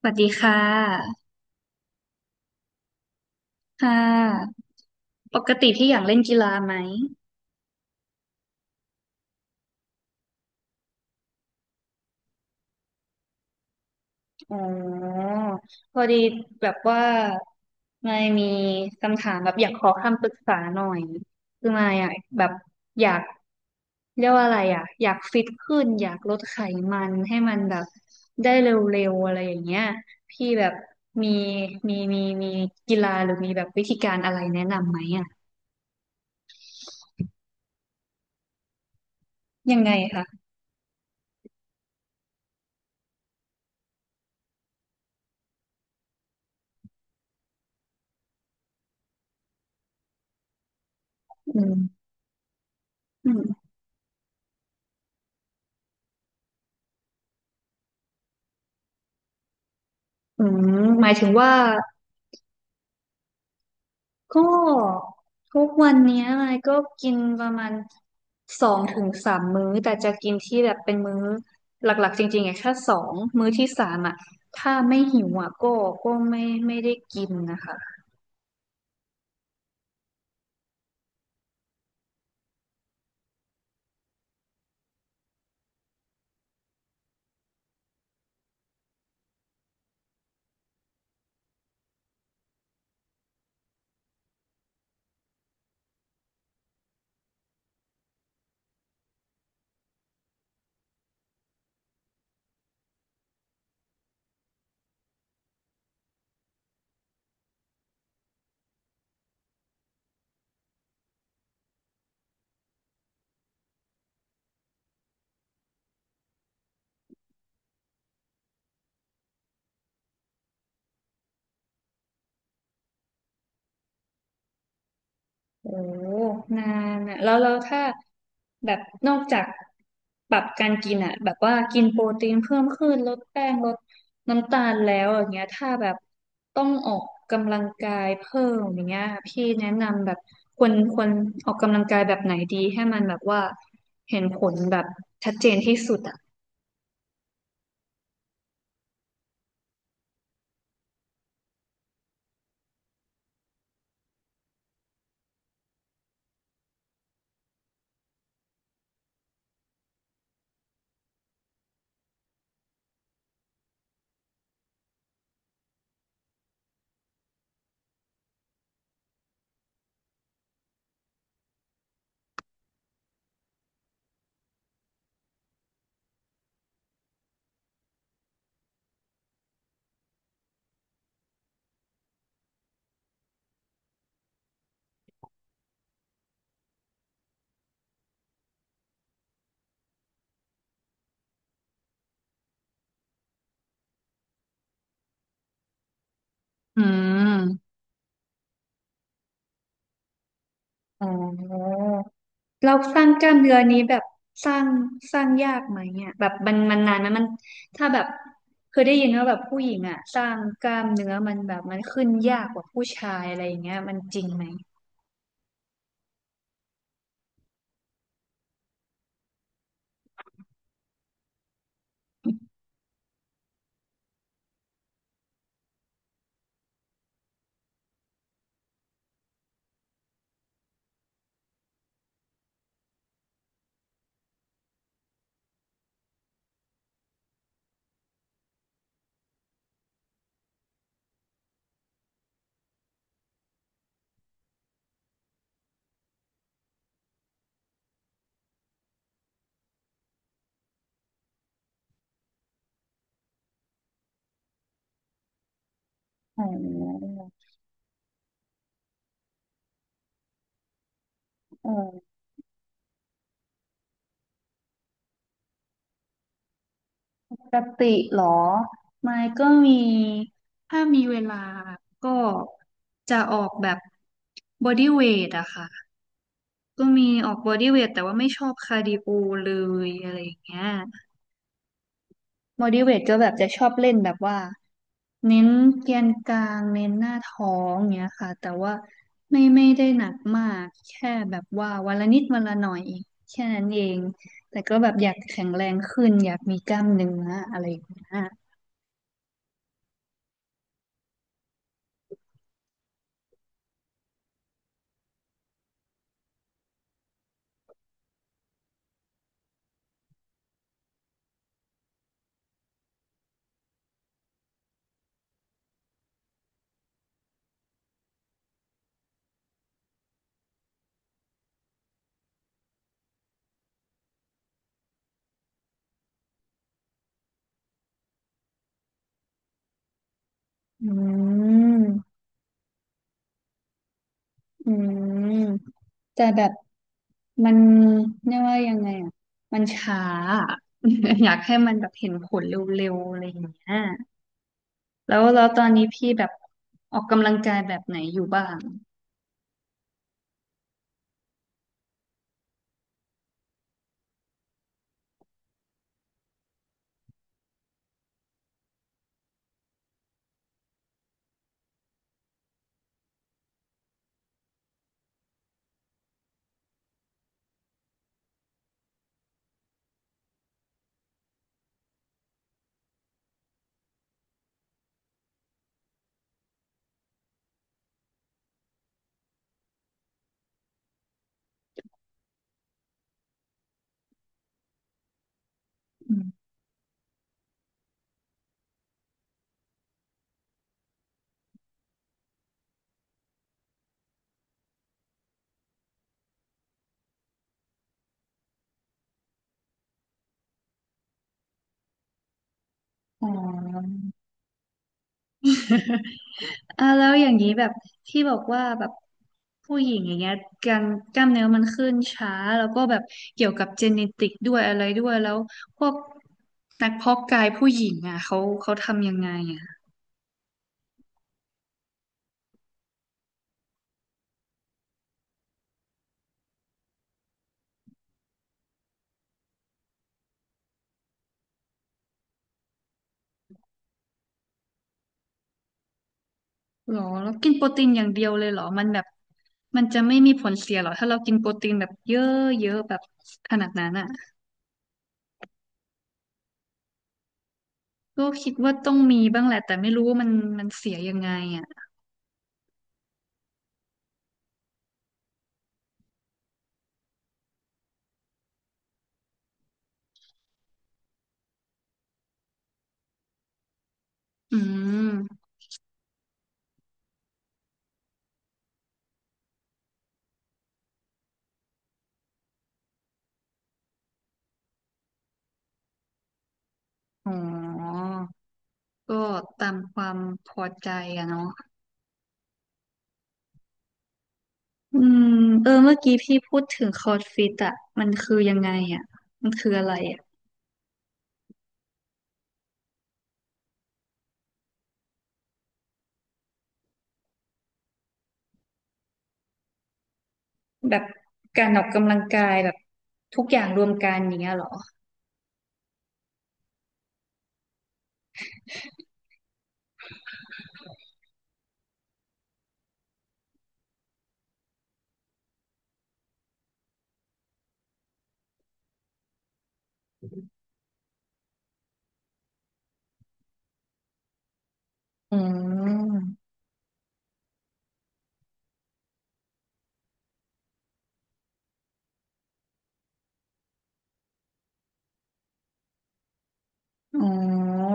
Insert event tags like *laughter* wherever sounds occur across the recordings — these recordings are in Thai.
สวัสดีค่ะค่ะปกติพี่อยากเล่นกีฬาไหมอ๋อพอดีแบบว่าไม่มีคำถามแบบอยากขอคำปรึกษาหน่อยคือมายกแบบอยากเรียกว่าอะไรอ่ะ อยากฟิตขึ้นอยากลดไขมันให้มันแบบได้เร็วๆอะไรอย่างเงี้ยพี่แบบมีมีกีฬาหรือมีแบบวิธีการอะไรแนะนำไหมอ่ะยังไงคะอืมอืมอืมหมายถึงว่า ก็ทุกวันเนี้ยไยก็กินประมาณสองถึงสามมื้อแต่จะกินที่แบบเป็นมื้อหลักๆจริงๆอ่ะแค่สองมื้อที่สามอ่ะถ้าไม่หิวอ่ะก็ก็ไม่ได้กินนะคะ โอ้นานอะแล้วแล้วถ้าแบบนอกจากปรับการกินอะแบบว่ากินโปรตีนเพิ่มขึ้นลดแป้งลดน้ำตาลแล้วอย่างเงี้ยถ้าแบบต้องออกกำลังกายเพิ่มอย่างเงี้ยพี่แนะนำแบบควรออกกำลังกายแบบไหนดีให้มันแบบว่าเห็นผลแบบชัดเจนที่สุดอะอืมอ๋อ เราสร้างกล้ามเนื้อนี้แบบสร้างยากไหมเนี่ยแบบมันมันนานไหมมันถ้าแบบเคยได้ยินว่าแบบผู้หญิงอ่ะสร้างกล้ามเนื้อมันแบบมันขึ้นยากกว่าผู้ชายอะไรอย่างเงี้ยมันจริงไหมปกติเหรอไม่ก็มีถ้ามีเวลาก็จะออกแบบบอดี้เวทอะค่ะก็มีออกบอดี้เวทแต่ว่าไม่ชอบคาร์ดิโอเลยอะไรอย่างเงี้ย motivate ก็แบบจะชอบเล่นแบบว่าเน้นแกนกลางเน้นหน้าท้องเงี้ยค่ะแต่ว่าไม่ได้หนักมากแค่แบบว่าวันละนิดวันละหน่อยแค่นั้นเองแต่ก็แบบอยากแข็งแรงขึ้นอยากมีกล้ามเนื้ออะไรอย่างเงี้ยอืมอืมแต่แบบมันเรียกว่ายังไงอ่ะมันช้าอะ *laughs* อยากให้มันแบบเห็นผลเร็วๆอะไรอย่างเงี้ย แล้วแล้วตอนนี้พี่แบบออกกำลังกายแบบไหนอยู่บ้างอืมอ๋อ *laughs* อ่าแล้วอย่างนี้แบบที่บอกว่าแบบผู้หญิงอย่างเงี้ยการกล้ามเนื้อมันขึ้นช้าแล้วก็แบบเกี่ยวกับเจเนติกด้วยอะไรด้วยแล้วพวกนักเพาะกายผู้หญิงอ่ะเขาทำยังไงอ่ะหรอแล้วกินโปรตีนอย่างเดียวเลยเหรอมันแบบมันจะไม่มีผลเสียเหรอถ้าเรากินโปรตีนแบบเยอะเยอะแบบขนาดนั้นอ่ะ ก็คิดว่าต้องมีบ้างแหละแต่ไม่รู้ว่ามันมันเสียยังไงอ่ะอืมอ๋อก็ตามความพอใจอะเนาะอืมเออเมื่อกี้พี่พูดถึงคอร์สฟิตอะมันคือยังไงอะมันคืออะไรอะแบบการออกกำลังกายแบบทุกอย่างรวมกันอย่างเงี้ยเหรออืมอ๋อ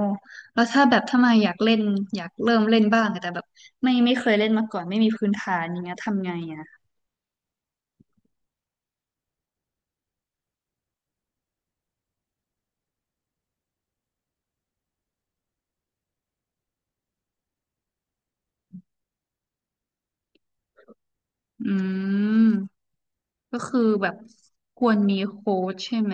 แล้วถ้าแบบถ้ามาอยากเล่นอยากเริ่มเล่นบ้างอะแต่แบบไม่เคยเล่นมาก่อนไม่มีพื้นฐานอย่างเงี้ยทำไงอะอืม ก็คือแบบควรมีโค้ชใช่ไหม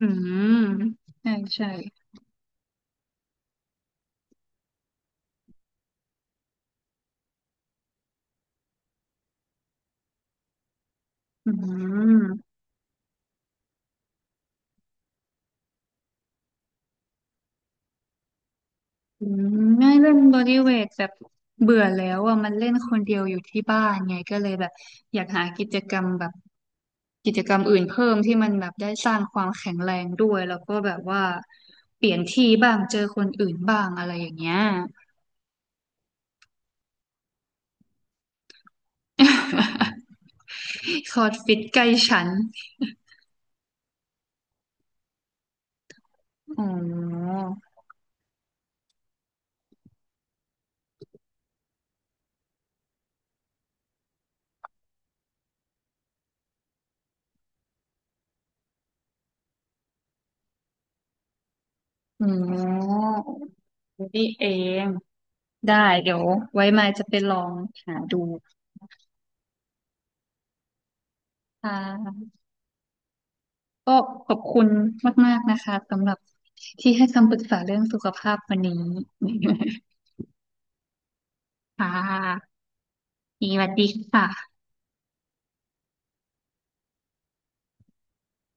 อืมใช่ใช่อืมอืมไม่เล่นบอดี้เวทแบบเบื่อแล้วอ่ะมันเล่นคนเดียวอยู่ที่บ้านไงก็เลยแบบอยากหากิจกรรมแบบกิจกรรมอื่นเพิ่มที่มันแบบได้สร้างความแข็งแรงด้วยแล้วก็แบบว่าเปลี่ยนที่บ้างเจอคนอื่นบ้างอะไรอย่างเงี้ย *laughs* คอร์สฟิตใกล้ฉันอ๋ออ๋อนี่เอง ได้เดี๋ยวไว้มายจะไปลองหาดูค่ะก็ขอบคุณมากๆนะคะสำหรับที่ให้คำปรึกษาเรื่องสุขภาพวันนี้ *laughs* ค่ะสวัสดีค่ะ